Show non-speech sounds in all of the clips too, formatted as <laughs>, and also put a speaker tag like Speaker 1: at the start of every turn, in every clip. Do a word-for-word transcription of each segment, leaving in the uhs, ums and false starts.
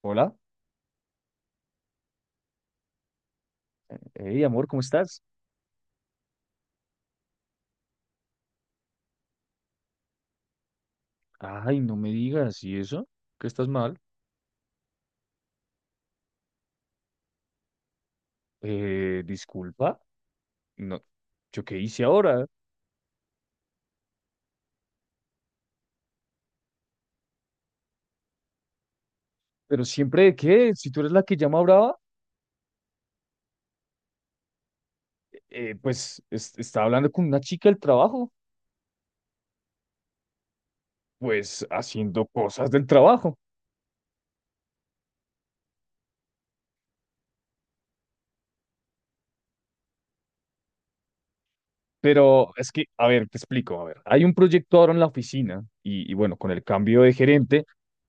Speaker 1: Hola, hey amor, ¿cómo estás? Ay, no me digas, ¿y eso? ¿Que estás mal? Eh, disculpa, no, ¿yo qué hice ahora? Pero siempre de qué, si tú eres la que llama brava. Eh, pues es- está hablando con una chica del trabajo, pues haciendo cosas del trabajo. Pero es que, a ver, te explico, a ver, hay un proyecto ahora en la oficina y, y bueno, con el cambio de gerente,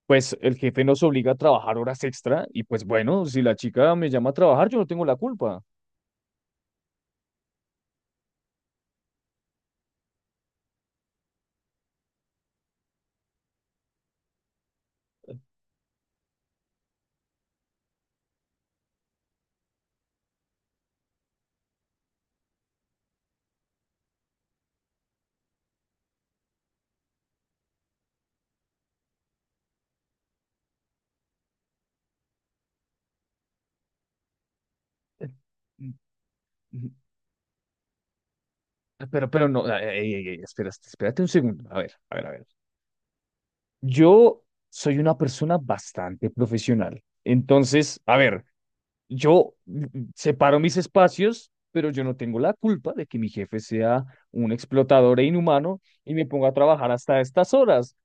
Speaker 1: pues el jefe nos obliga a trabajar horas extra y pues bueno, si la chica me llama a trabajar, yo no tengo la culpa. Eh, Pero, pero no, ey, ey, ey, espera, espérate un segundo. A ver, a ver, a ver. Yo soy una persona bastante profesional. Entonces, a ver, yo mm, separo mis espacios, pero yo no tengo la culpa de que mi jefe sea un explotador e inhumano y me ponga a trabajar hasta estas horas.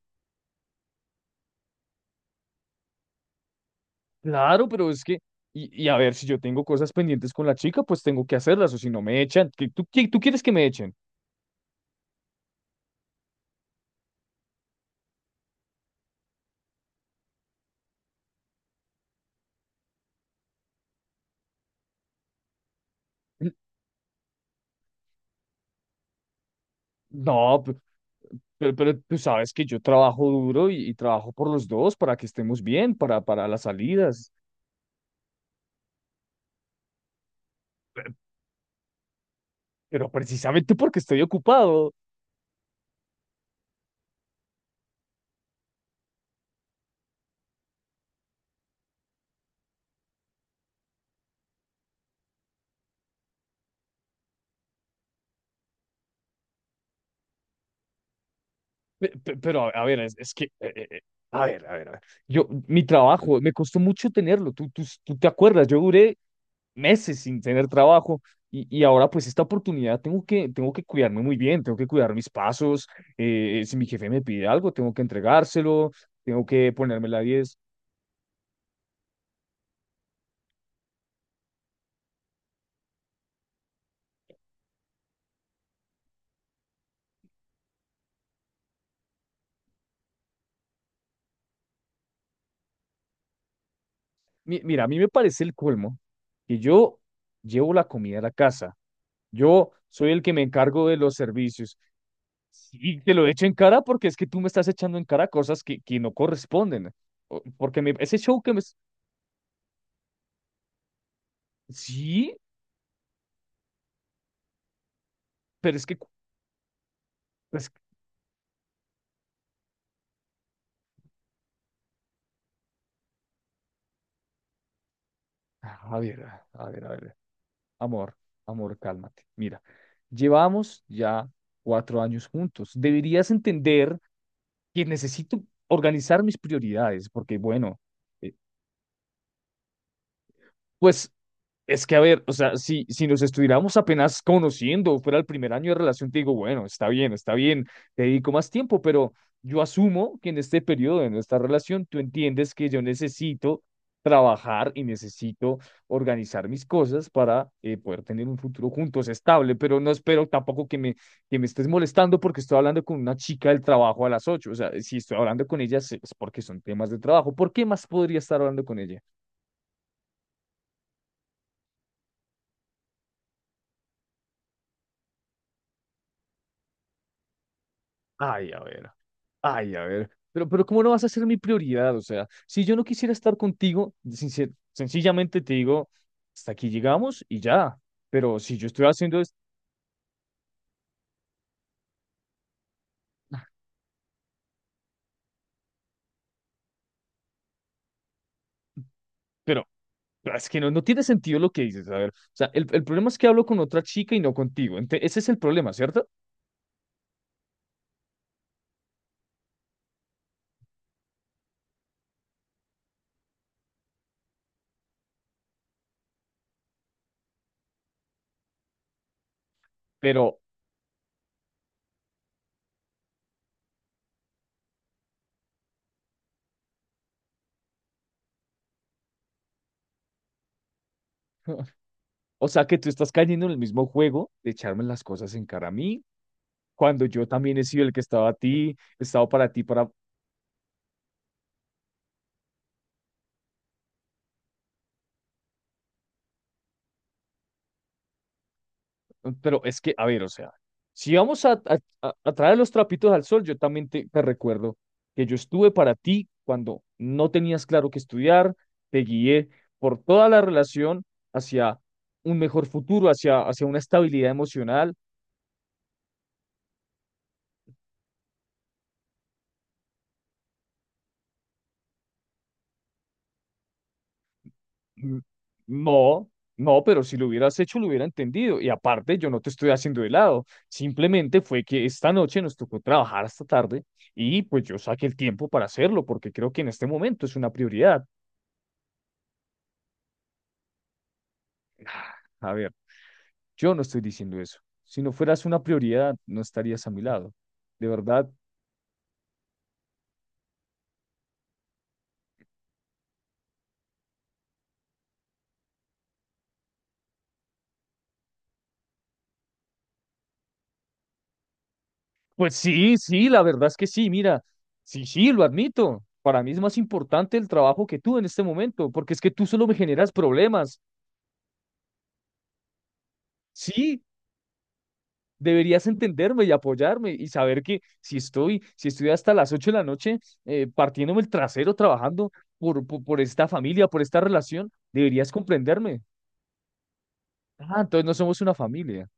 Speaker 1: Claro, pero es que, y, y a ver, si yo tengo cosas pendientes con la chica, pues tengo que hacerlas, o si no me echan. ¿Qué- ¿Tú, qué- tú quieres que me echen? N- No. P- Pero, pero tú sabes que yo trabajo duro y, y trabajo por los dos para que estemos bien, para, para las salidas. Pe- Pero, precisamente porque estoy ocupado. Pe- pe- Pero a, a ver, es, es que, eh, eh, eh, A ver, a ver, a ver. Yo, mi trabajo, me costó mucho tenerlo. Tú, tú, tú te acuerdas, yo duré meses sin tener trabajo y, y ahora pues esta oportunidad tengo que, tengo que cuidarme muy bien, tengo que cuidar mis pasos. Eh, si mi jefe me pide algo, tengo que entregárselo, tengo que ponerme la diez. Mi- Mira, a mí me parece el colmo que yo llevo la comida a la casa. Yo soy el que me encargo de los servicios. Sí, te lo echo en cara porque es que tú me estás echando en cara cosas que, que no corresponden. O- Porque me, ese show que me... es- Sí, pero es que... cu- es que- a ver, a ver, a ver. Amor, amor, cálmate. Mira, llevamos ya cuatro años juntos. Deberías entender que necesito organizar mis prioridades porque, bueno, eh, pues... Es que, a ver, o sea, si, si nos estuviéramos apenas conociendo, fuera el primer año de relación, te digo, bueno, está bien, está bien, te dedico más tiempo, pero yo asumo que en este periodo de nuestra relación tú entiendes que yo necesito trabajar y necesito organizar mis cosas para eh, poder tener un futuro juntos estable, pero no espero tampoco que me, que me, estés molestando porque estoy hablando con una chica del trabajo a las ocho. O sea, si estoy hablando con ella es es porque son temas de trabajo, ¿por qué más podría estar hablando con ella? Ay, a ver, ay, a ver. Pero, pero ¿cómo no vas a ser mi prioridad? O sea, si yo no quisiera estar contigo, sincer- sencillamente te digo, hasta aquí llegamos y ya. Pero si yo estoy haciendo es, pero pero es que no, no tiene sentido lo que dices. A ver, o sea, el, el problema es que hablo con otra chica y no contigo. Ente- ese es el problema, ¿cierto? Pero, <laughs> o sea, que tú estás cayendo en el mismo juego de echarme las cosas en cara a mí, cuando yo también he sido el que estaba a ti, he estado para ti, para... Pero es que, a ver, o sea, si vamos a, a- a- a traer los trapitos al sol, yo también te, te recuerdo que yo estuve para ti cuando no tenías claro qué estudiar, te guié por toda la relación hacia un mejor futuro, hacia, hacia una estabilidad emocional. Mm. No, no, pero si lo hubieras hecho, lo hubiera entendido. Y aparte, yo no te estoy haciendo de lado. Simplemente fue que esta noche nos tocó trabajar hasta tarde y pues yo saqué el tiempo para hacerlo porque creo que en este momento es una prioridad. A ver, yo no estoy diciendo eso. Si no fueras una prioridad, no estarías a mi lado. ¿De verdad? Pues sí, sí, la verdad es que sí, mira, sí, sí, lo admito. Para mí es más importante el trabajo que tú en este momento, porque es que tú solo me generas problemas. Sí, deberías entenderme y apoyarme y saber que si estoy, si estoy hasta las ocho de la noche, eh, partiéndome el trasero trabajando por, por, por esta familia, por esta relación, deberías comprenderme. Ah, entonces no somos una familia.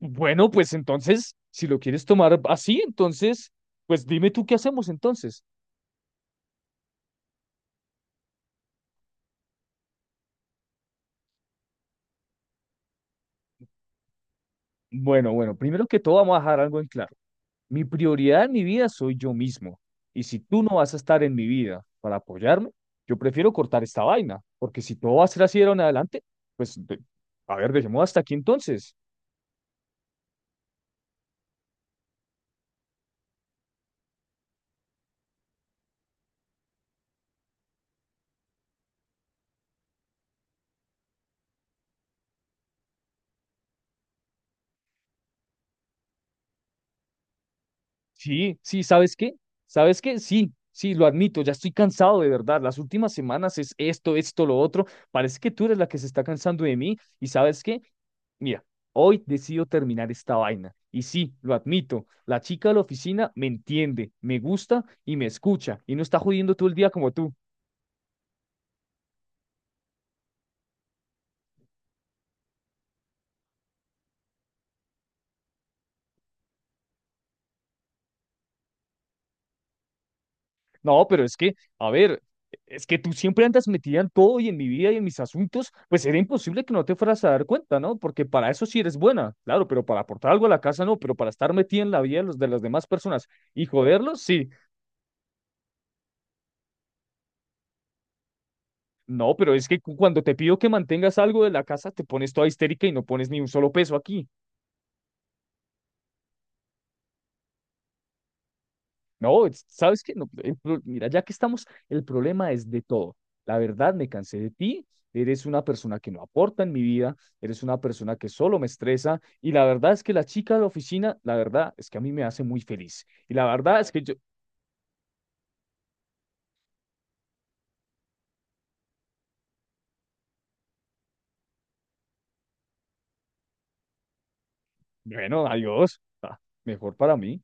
Speaker 1: Bueno, pues entonces, si lo quieres tomar así, entonces, pues dime tú qué hacemos entonces. Bueno, bueno, primero que todo vamos a dejar algo en claro. Mi prioridad en mi vida soy yo mismo. Y si tú no vas a estar en mi vida para apoyarme, yo prefiero cortar esta vaina, porque si todo va a ser así de ahora en adelante, pues, de- a ver, dejemos hasta aquí entonces. Sí, sí, ¿sabes qué? ¿Sabes qué? Sí, sí, lo admito, ya estoy cansado de verdad. Las últimas semanas es esto, esto, lo otro. Parece que tú eres la que se está cansando de mí. ¿Y sabes qué? Mira, hoy decido terminar esta vaina. Y sí, lo admito, la chica de la oficina me entiende, me gusta y me escucha y no está jodiendo todo el día como tú. No, pero es que, a ver, es que tú siempre andas metida en todo y en mi vida y en mis asuntos, pues era imposible que no te fueras a dar cuenta, ¿no? Porque para eso sí eres buena, claro, pero para aportar algo a la casa no, pero para estar metida en la vida de, los, de las demás personas y joderlos, sí. No, pero es que cu- cuando te pido que mantengas algo de la casa, te pones toda histérica y no pones ni un solo peso aquí. No, es- ¿sabes qué? No, el pro- mira, ya que estamos, el problema es de todo. La verdad, me cansé de ti. Eres una persona que no aporta en mi vida, eres una persona que solo me estresa y la verdad es que la chica de la oficina, la verdad es que a mí me hace muy feliz. Y la verdad es que yo, bueno, adiós, ah, mejor para mí.